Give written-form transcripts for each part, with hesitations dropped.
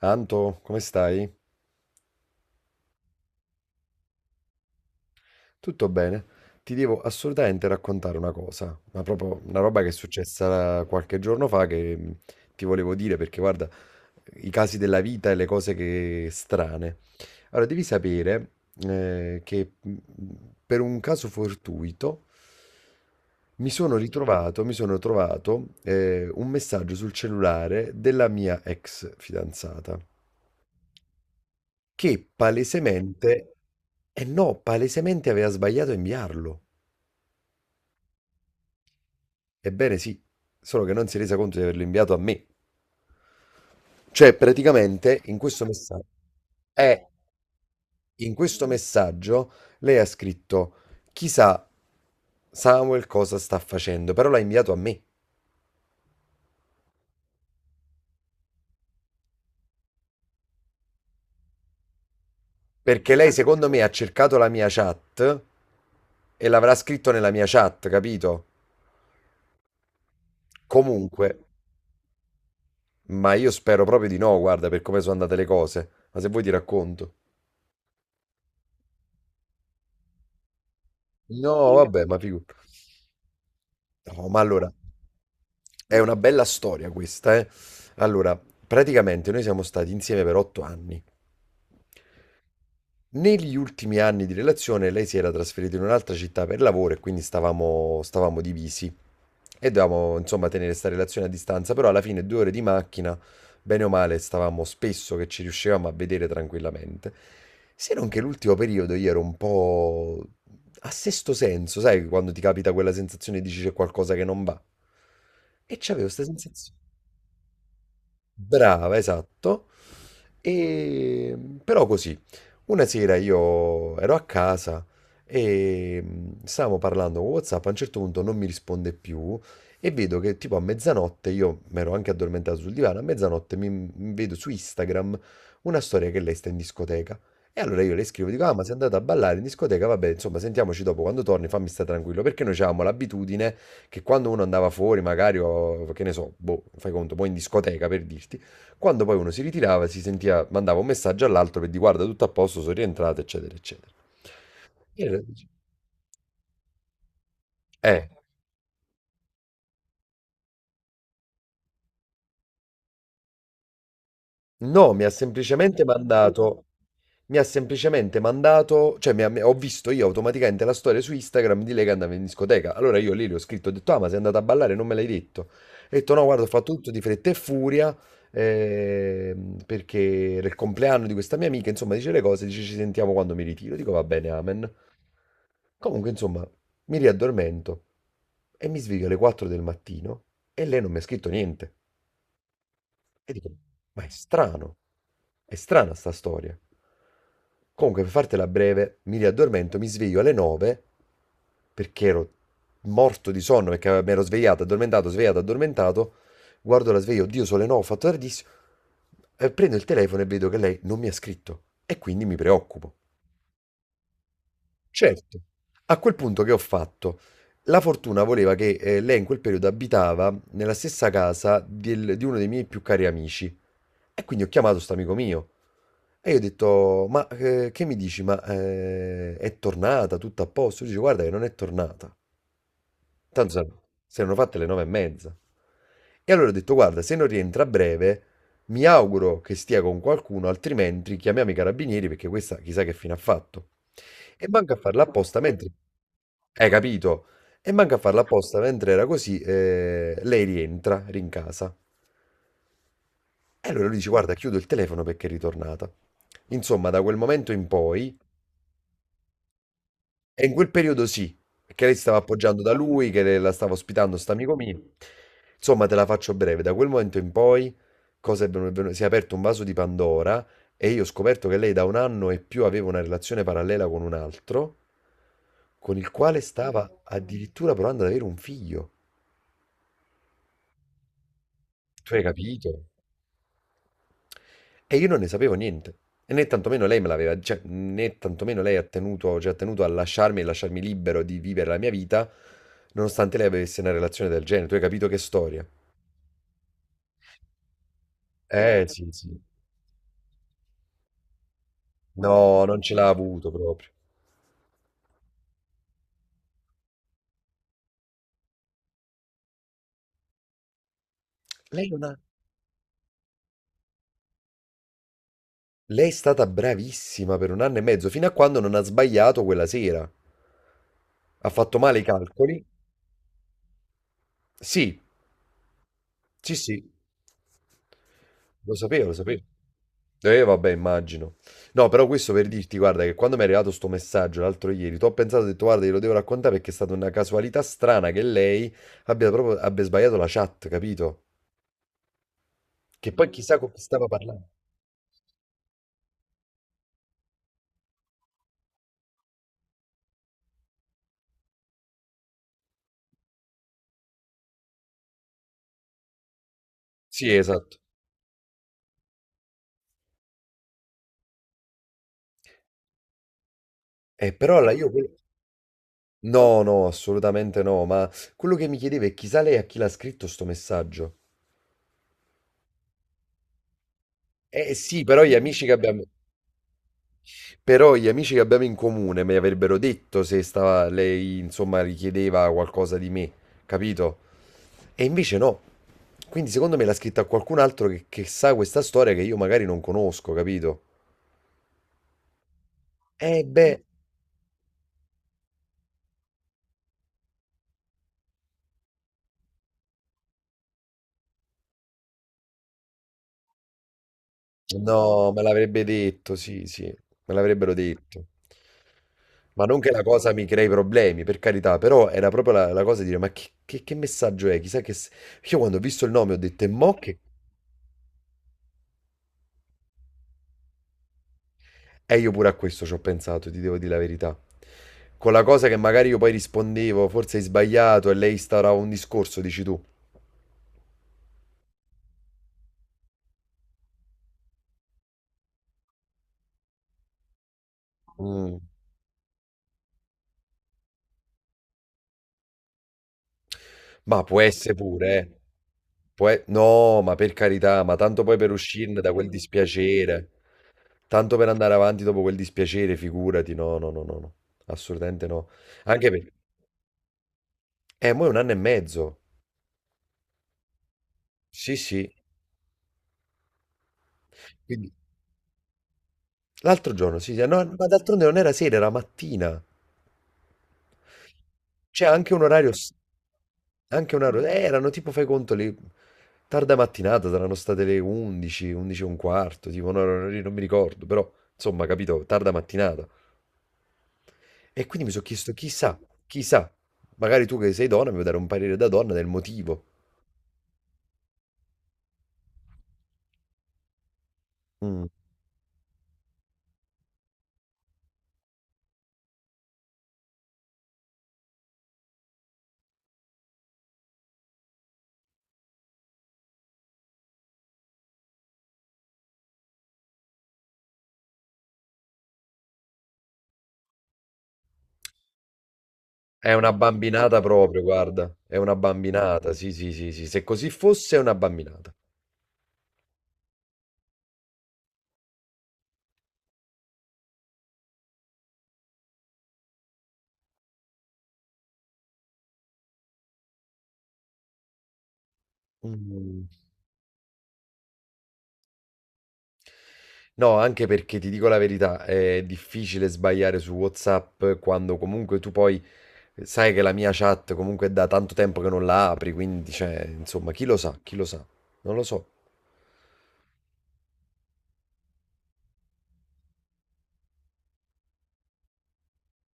Anto, come stai? Tutto bene? Ti devo assolutamente raccontare una cosa, ma proprio una roba che è successa qualche giorno fa che ti volevo dire perché guarda, i casi della vita e le cose che strane. Allora, devi sapere che per un caso fortuito mi sono trovato un messaggio sul cellulare della mia ex fidanzata che palesemente, eh no, palesemente aveva sbagliato a inviarlo. Ebbene sì, solo che non si è resa conto di averlo inviato a me. Cioè, praticamente eh, in questo messaggio lei ha scritto: chissà Samuel cosa sta facendo, però l'ha inviato a me. Perché lei, secondo me, ha cercato la mia chat e l'avrà scritto nella mia chat, capito? Comunque, ma io spero proprio di no, guarda, per come sono andate le cose. Ma se vuoi ti racconto. No, vabbè, ma figurati. No, ma allora, è una bella storia questa, eh. Allora, praticamente noi siamo stati insieme per 8 anni. Negli ultimi anni di relazione lei si era trasferita in un'altra città per lavoro e quindi stavamo divisi e dovevamo insomma tenere sta relazione a distanza, però alla fine 2 ore di macchina, bene o male, stavamo spesso che ci riuscivamo a vedere tranquillamente. Se non che l'ultimo periodo io ero un po' a sesto senso, sai, quando ti capita quella sensazione e dici c'è qualcosa che non va. E c'avevo questa sensazione. Brava, esatto. E, però così, una sera io ero a casa e stavamo parlando con WhatsApp, a un certo punto non mi risponde più e vedo che tipo a mezzanotte, io mi ero anche addormentato sul divano, a mezzanotte mi vedo su Instagram una storia che lei sta in discoteca. E allora io le scrivo, dico, ah ma sei andata a ballare in discoteca, vabbè, insomma, sentiamoci dopo, quando torni fammi stare tranquillo, perché noi avevamo l'abitudine che quando uno andava fuori, magari, o, che ne so, boh, fai conto, poi in discoteca per dirti, quando poi uno si ritirava, si sentiva, mandava un messaggio all'altro per dire guarda tutto a posto, sono rientrato, eccetera, eccetera. E allora dici, eh. No, mi ha semplicemente mandato, cioè ho visto io automaticamente la storia su Instagram di lei che andava in discoteca. Allora io lì le ho scritto, ho detto, ah, ma sei andata a ballare, non me l'hai detto. Ho detto, no, guarda, ho fatto tutto di fretta e furia, perché era il compleanno di questa mia amica, insomma, dice le cose, dice ci sentiamo quando mi ritiro. Dico, va bene, amen. Comunque, insomma, mi riaddormento e mi sveglio alle 4 del mattino e lei non mi ha scritto niente. E dico, ma è strano, è strana sta storia. Comunque, per fartela breve, mi riaddormento, mi sveglio alle 9 perché ero morto di sonno, perché mi ero svegliato, addormentato, svegliato, addormentato. Guardo la sveglia, oddio, sono le 9, ho fatto tardissimo. Prendo il telefono e vedo che lei non mi ha scritto e quindi mi preoccupo. Certo. A quel punto che ho fatto? La fortuna voleva che lei in quel periodo abitava nella stessa casa di uno dei miei più cari amici. E quindi ho chiamato sto amico mio e io ho detto: ma che mi dici? Ma è tornata tutto a posto? Lui dice: guarda che non è tornata. Tanto sa- si erano fatte le 9:30. E allora ho detto, guarda, se non rientra a breve, mi auguro che stia con qualcuno, altrimenti chiamiamo i carabinieri perché questa chissà che fine ha fatto. E manca a farla apposta mentre... Hai capito? E manca a farla apposta mentre era così, lei rientra, rincasa. E allora lui dice, guarda, chiudo il telefono perché è ritornata. Insomma, da quel momento in poi e in quel periodo sì, perché lei si stava appoggiando da lui, la stava ospitando, sta amico mio. Insomma, te la faccio breve, da quel momento in poi cosa è venu- si è aperto un vaso di Pandora e io ho scoperto che lei da un anno e più aveva una relazione parallela con un altro, con il quale stava addirittura provando ad avere un figlio. Tu hai capito? E io non ne sapevo niente. E né tantomeno lei me l'aveva, cioè, né tantomeno lei ha tenuto, cioè, ha tenuto a lasciarmi e lasciarmi libero di vivere la mia vita, nonostante lei avesse una relazione del genere. Tu hai capito che storia? Sì, sì. No, non ce l'ha avuto proprio. Lei non ha... Lei è stata bravissima per un anno e mezzo, fino a quando non ha sbagliato quella sera. Ha fatto male i calcoli. Sì, sì, sì, lo sapevo, lo sapevo. Vabbè, immagino. No, però questo per dirti, guarda, che quando mi è arrivato sto messaggio l'altro ieri, tu ho pensato, ho detto, guarda, glielo devo raccontare perché è stata una casualità strana che lei abbia sbagliato la chat, capito? Che poi chissà con chi stava parlando. Sì, esatto. Però la io... quello- No, no, assolutamente no, ma quello che mi chiedevo è chissà lei a chi l'ha scritto sto messaggio. Eh sì, però gli amici che abbiamo... Però gli amici che abbiamo in comune mi avrebbero detto se stava, lei, insomma, richiedeva qualcosa di me, capito? E invece no. Quindi secondo me l'ha scritta qualcun altro che sa questa storia che io magari non conosco, capito? Mm, beh, no, me l'avrebbe detto, sì, sì, me l'avrebbero detto. Ma non che la cosa mi crei problemi, per carità, però era proprio la cosa di dire, ma che messaggio è? Chissà che... se-" Io quando ho visto il nome ho detto, e mo che... E io pure a questo ci ho pensato, ti devo dire la verità. Con la cosa che magari io poi rispondevo, forse hai sbagliato e lei starà un discorso, dici tu. Mm. Ma può essere pure, eh. No, ma per carità, ma tanto poi per uscirne da quel dispiacere, tanto per andare avanti dopo quel dispiacere, figurati, no, no, no, no, no, assolutamente no. Anche perché, mo è un anno e mezzo, sì, sì. Quindi... l'altro giorno, sì, sì, no, ma d'altronde non era sera, era mattina. C'è anche un orario, s- anche un orario, erano tipo, fai conto, saranno state le 11, 11 e un quarto, tipo, no, no, no, non mi ricordo, però, insomma, capito, tarda mattinata. E quindi mi sono chiesto, chissà, chissà, magari tu che sei donna mi vuoi dare un parere da donna del motivo. Mm. È una bambinata proprio, guarda, è una bambinata, sì, sì, sì, sì, se così fosse è una bambinata. Mm. No, anche perché ti dico la verità, è difficile sbagliare su WhatsApp quando comunque tu poi sai che la mia chat comunque è da tanto tempo che non la apri, quindi cioè, insomma, chi lo sa, non lo so.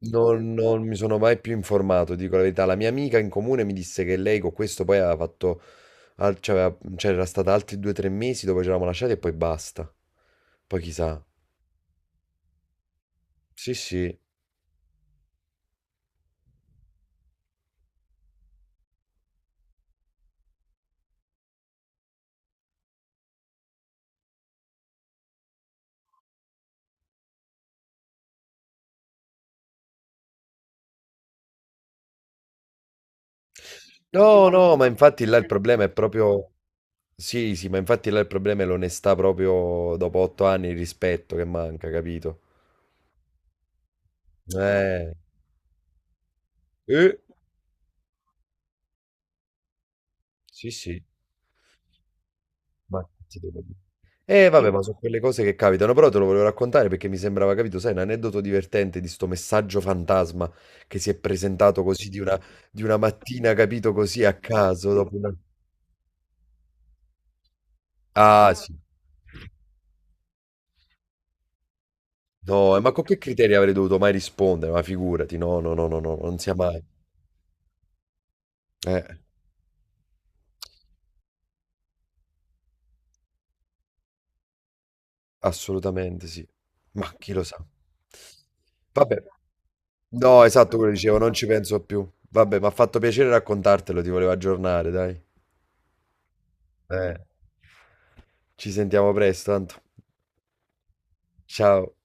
Non mi sono mai più informato, dico la verità. La mia amica in comune mi disse che lei con questo poi aveva fatto, al- cioè, aveva- c'era stata altri 2 o 3 mesi dove ci eravamo lasciati e poi basta. Poi chissà. Sì, sì. No, no, ma infatti là il problema è proprio... Sì, sì, ma infatti là il problema è l'onestà proprio dopo 8 anni, il rispetto che manca, capito? Eh, eh, sì, sì, ma che ti devo dire? Vabbè, sì, ma sono quelle cose che capitano, però te lo volevo raccontare perché mi sembrava, capito, sai, un aneddoto divertente di sto messaggio fantasma che si è presentato così di una mattina, capito, così a caso, dopo una... Ah, sì. No, ma con che criteri avrei dovuto mai rispondere? Ma figurati, no, no, no, no, no, non sia mai. Eh. Assolutamente sì. Ma chi lo sa. Vabbè. No, esatto, quello dicevo, non ci penso più. Vabbè, mi ha fatto piacere raccontartelo, ti volevo aggiornare, dai. Eh, ci sentiamo presto, tanto. Ciao.